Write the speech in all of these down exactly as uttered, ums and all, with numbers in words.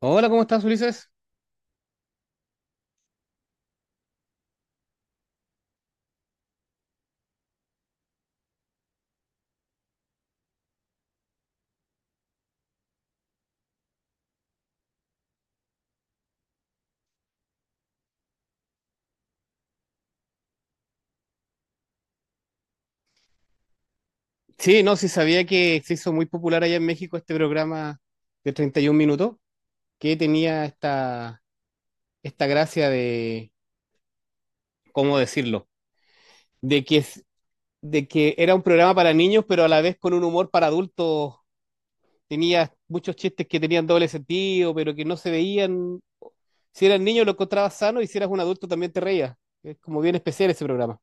Hola, ¿cómo estás, Ulises? Sí, no, sí sabía que se hizo muy popular allá en México este programa de treinta y uno minutos, que tenía esta, esta gracia de, ¿cómo decirlo? De que, es- de que era un programa para niños, pero a la vez con un humor para adultos. Tenía muchos chistes que tenían doble sentido, pero que no se veían. Si eras niño lo encontrabas sano y si eras un adulto también te reías. Es como bien especial ese programa.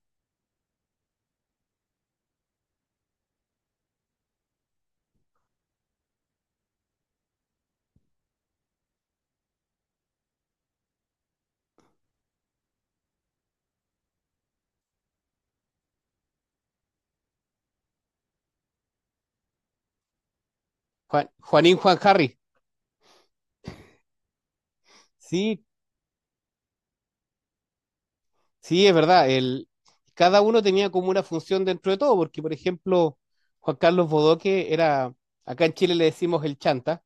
Juan, Juanín Juan Harry. Sí, sí, es verdad. El, cada uno tenía como una función dentro de todo, porque por ejemplo, Juan Carlos Bodoque era, acá en Chile le decimos el chanta,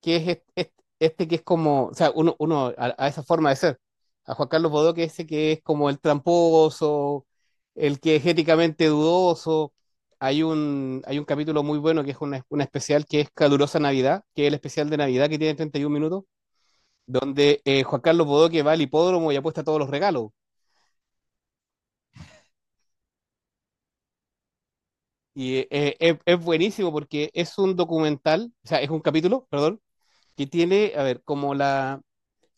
que es est- est- este, que es como, o sea, uno, uno a, a esa forma de ser. A Juan Carlos Bodoque ese que es como el tramposo, el que es éticamente dudoso. Hay un, hay un capítulo muy bueno que es una, una especial que es Calurosa Navidad, que es el especial de Navidad que tiene treinta y uno minutos, donde eh, Juan Carlos Bodoque va al hipódromo y apuesta todos los regalos. Y eh, eh, es, es buenísimo porque es un documental, o sea, es un capítulo, perdón, que tiene, a ver, como la,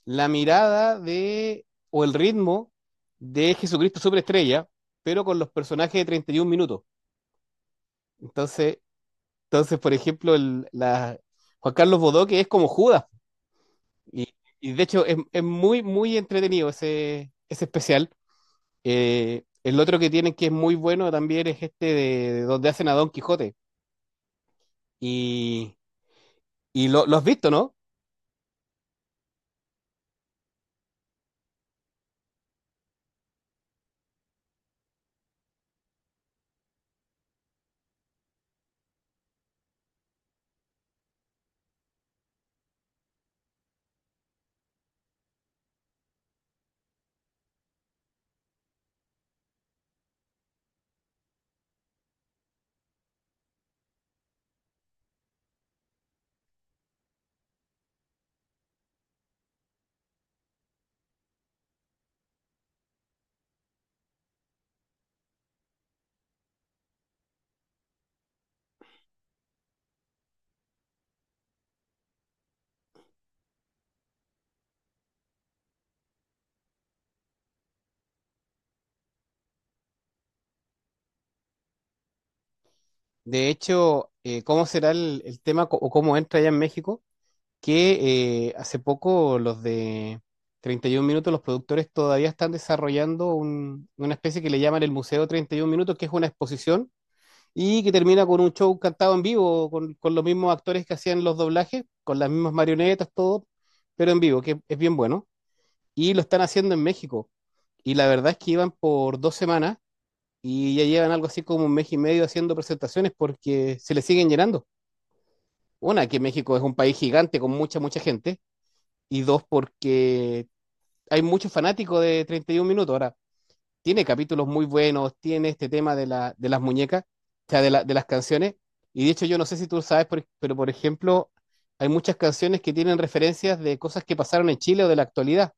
la mirada de, o el ritmo de Jesucristo Superestrella, pero con los personajes de treinta y uno minutos. Entonces, entonces por ejemplo, el, la, Juan Carlos Bodoque es como Judas. Y, y de hecho es, es muy, muy entretenido ese, ese especial. Eh, el otro que tienen que es muy bueno también es este de, de donde hacen a Don Quijote. Y, y lo, lo has visto, ¿no? De hecho, eh, ¿cómo será el, el tema co- o cómo entra allá en México? Que eh, hace poco los de treinta y uno Minutos, los productores todavía están desarrollando un- una especie que le llaman el Museo treinta y uno Minutos, que es una exposición y que termina con un show cantado en vivo, con, con los mismos actores que hacían los doblajes, con las mismas marionetas, todo, pero en vivo, que es bien bueno. Y lo están haciendo en México. Y la verdad es que iban por dos semanas y ya llevan algo así como un mes y medio haciendo presentaciones porque se le siguen llenando. Una, que México es un país gigante con mucha, mucha gente, y dos, porque hay muchos fanáticos de treinta y uno minutos. Ahora, tiene capítulos muy buenos, tiene este tema de, la, de las muñecas, o sea, de, la- de las canciones, y de hecho yo no sé si tú sabes, por- pero por ejemplo, hay muchas canciones que tienen referencias de cosas que pasaron en Chile o de la actualidad.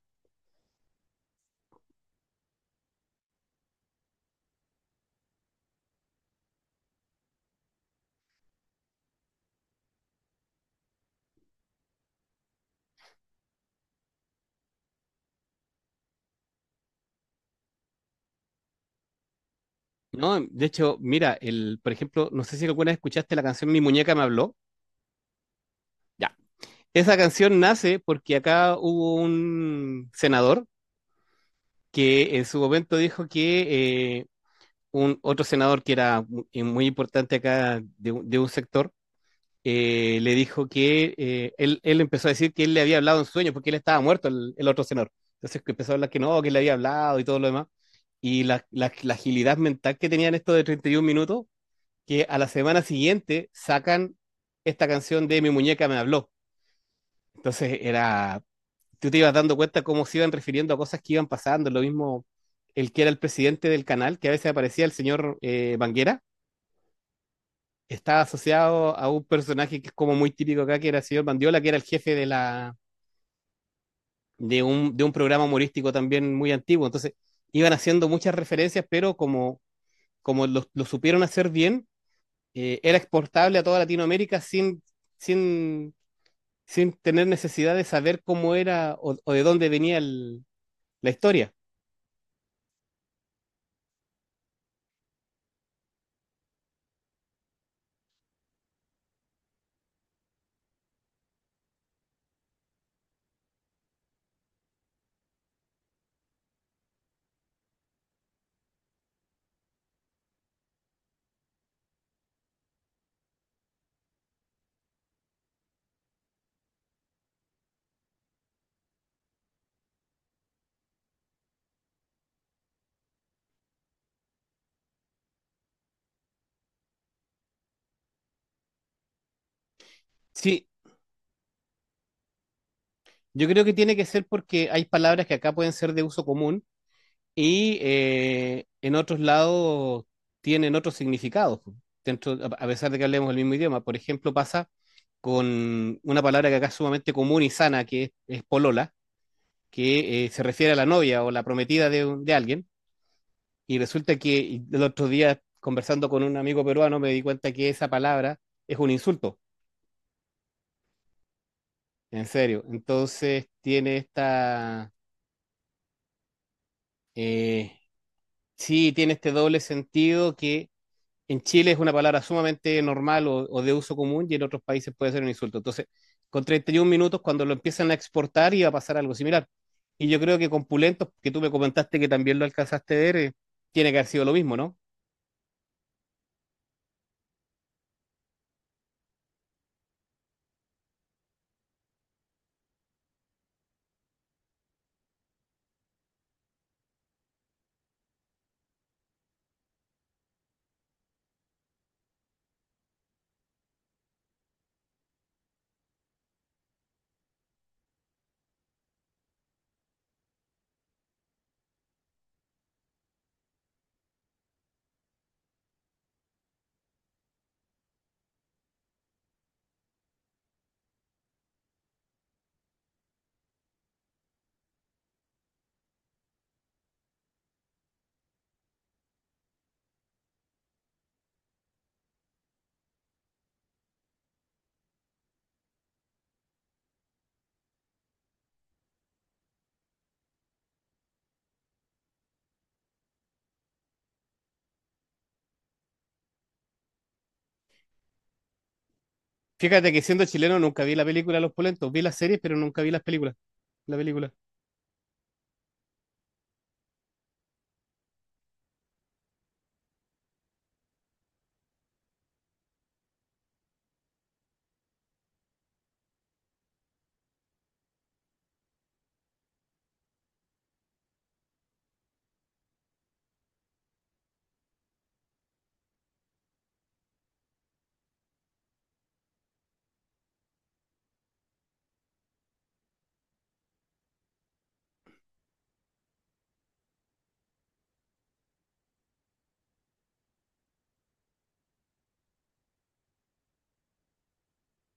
No, de hecho, mira, el, por ejemplo, no sé si alguna vez escuchaste la canción Mi muñeca me habló. Esa canción nace porque acá hubo un senador que en su momento dijo que eh, un otro senador que era mu- eh, muy importante acá de, un de un sector eh, le dijo que eh, él, él empezó a decir que él le había hablado en sueño porque él estaba muerto, el, el otro senador. Entonces que empezó a hablar que no, que él le había hablado y todo lo demás. Y la, la, la agilidad mental que tenían esto de treinta y uno minutos, que a la semana siguiente sacan esta canción de Mi muñeca me habló. Entonces era tú te ibas dando cuenta cómo se iban refiriendo a cosas que iban pasando. Lo mismo, el que era el presidente del canal, que a veces aparecía el señor eh, Banguera, estaba asociado a un personaje que es como muy típico acá, que era el señor Bandiola, que era el jefe de, la, de, un, de un programa humorístico también muy antiguo. Entonces, iban haciendo muchas referencias, pero como, como lo, lo supieron hacer bien, eh, era exportable a toda Latinoamérica sin, sin, sin tener necesidad de saber cómo era o, o de dónde venía el, la historia. Sí, yo creo que tiene que ser porque hay palabras que acá pueden ser de uso común y eh, en otros lados tienen otros significados, po, dentro, a a pesar de que hablemos el mismo idioma. Por ejemplo, pasa con una palabra que acá es sumamente común y sana, que es, es polola, que eh, se refiere a la novia o la prometida de, un- de alguien. Y resulta que y el otro día, conversando con un amigo peruano, me di cuenta que esa palabra es un insulto, en serio. Entonces tiene esta eh, sí tiene este doble sentido que en Chile es una palabra sumamente normal o, o, de uso común y en otros países puede ser un insulto. Entonces, con treinta y uno minutos, cuando lo empiezan a exportar, iba a pasar algo similar. Y yo creo que con Pulentos, que tú me comentaste que también lo alcanzaste a ver, eh, tiene que haber sido lo mismo, ¿no? Fíjate que siendo chileno nunca vi la película Los Pulentos, vi las series, pero nunca vi las películas, la película.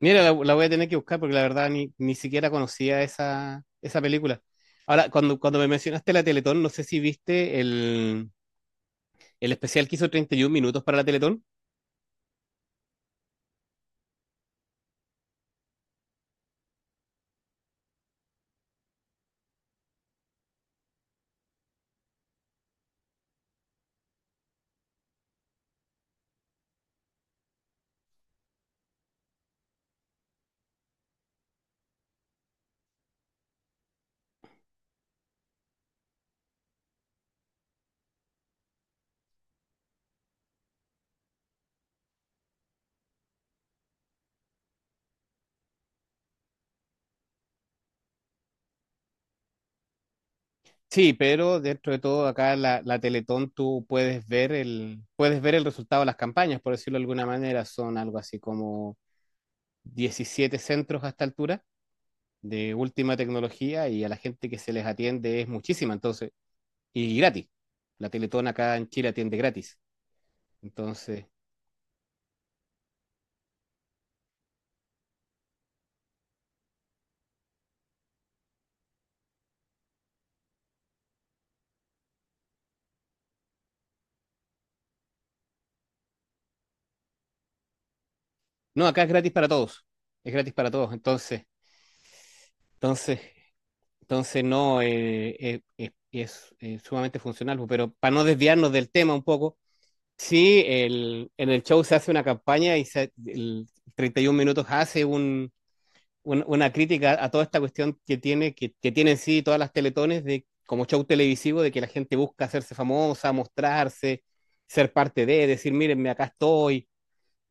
Mira, la, la voy a tener que buscar porque la verdad ni, ni siquiera conocía esa, esa película. Ahora, cuando, cuando me mencionaste la Teletón, no sé si viste el, el especial que hizo treinta y uno minutos para la Teletón. Sí, pero dentro de todo acá la, la Teletón tú puedes ver el puedes ver el resultado de las campañas, por decirlo de alguna manera, son algo así como diecisiete centros a esta altura de última tecnología y a la gente que se les atiende es muchísima, entonces, y gratis. La Teletón acá en Chile atiende gratis. Entonces, no, acá es gratis para todos. Es gratis para todos, entonces, entonces Entonces, no, eh, eh, eh, es, eh, sumamente funcional, pues, pero para no desviarnos del tema un poco, sí, el, en el show se hace una campaña y se, el treinta y uno Minutos hace un, un- una crítica a toda esta cuestión que tiene, que, que tienen sí todas las teletones de, como show televisivo, de que la gente busca hacerse famosa, mostrarse, ser parte de, decir, mírenme, acá estoy.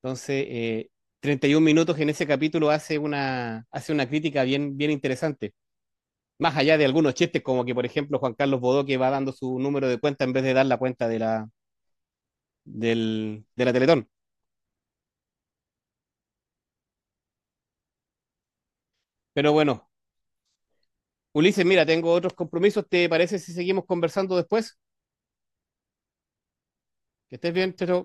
Entonces, eh, treinta y uno Minutos en ese capítulo hace una, hace una crítica bien, bien interesante. Más allá de algunos chistes, como que, por ejemplo, Juan Carlos Bodoque va dando su número de cuenta en vez de dar la cuenta de la, del, de la Teletón. Pero bueno, Ulises, mira, tengo otros compromisos. ¿Te parece si seguimos conversando después? Que estés bien, chao. Chao.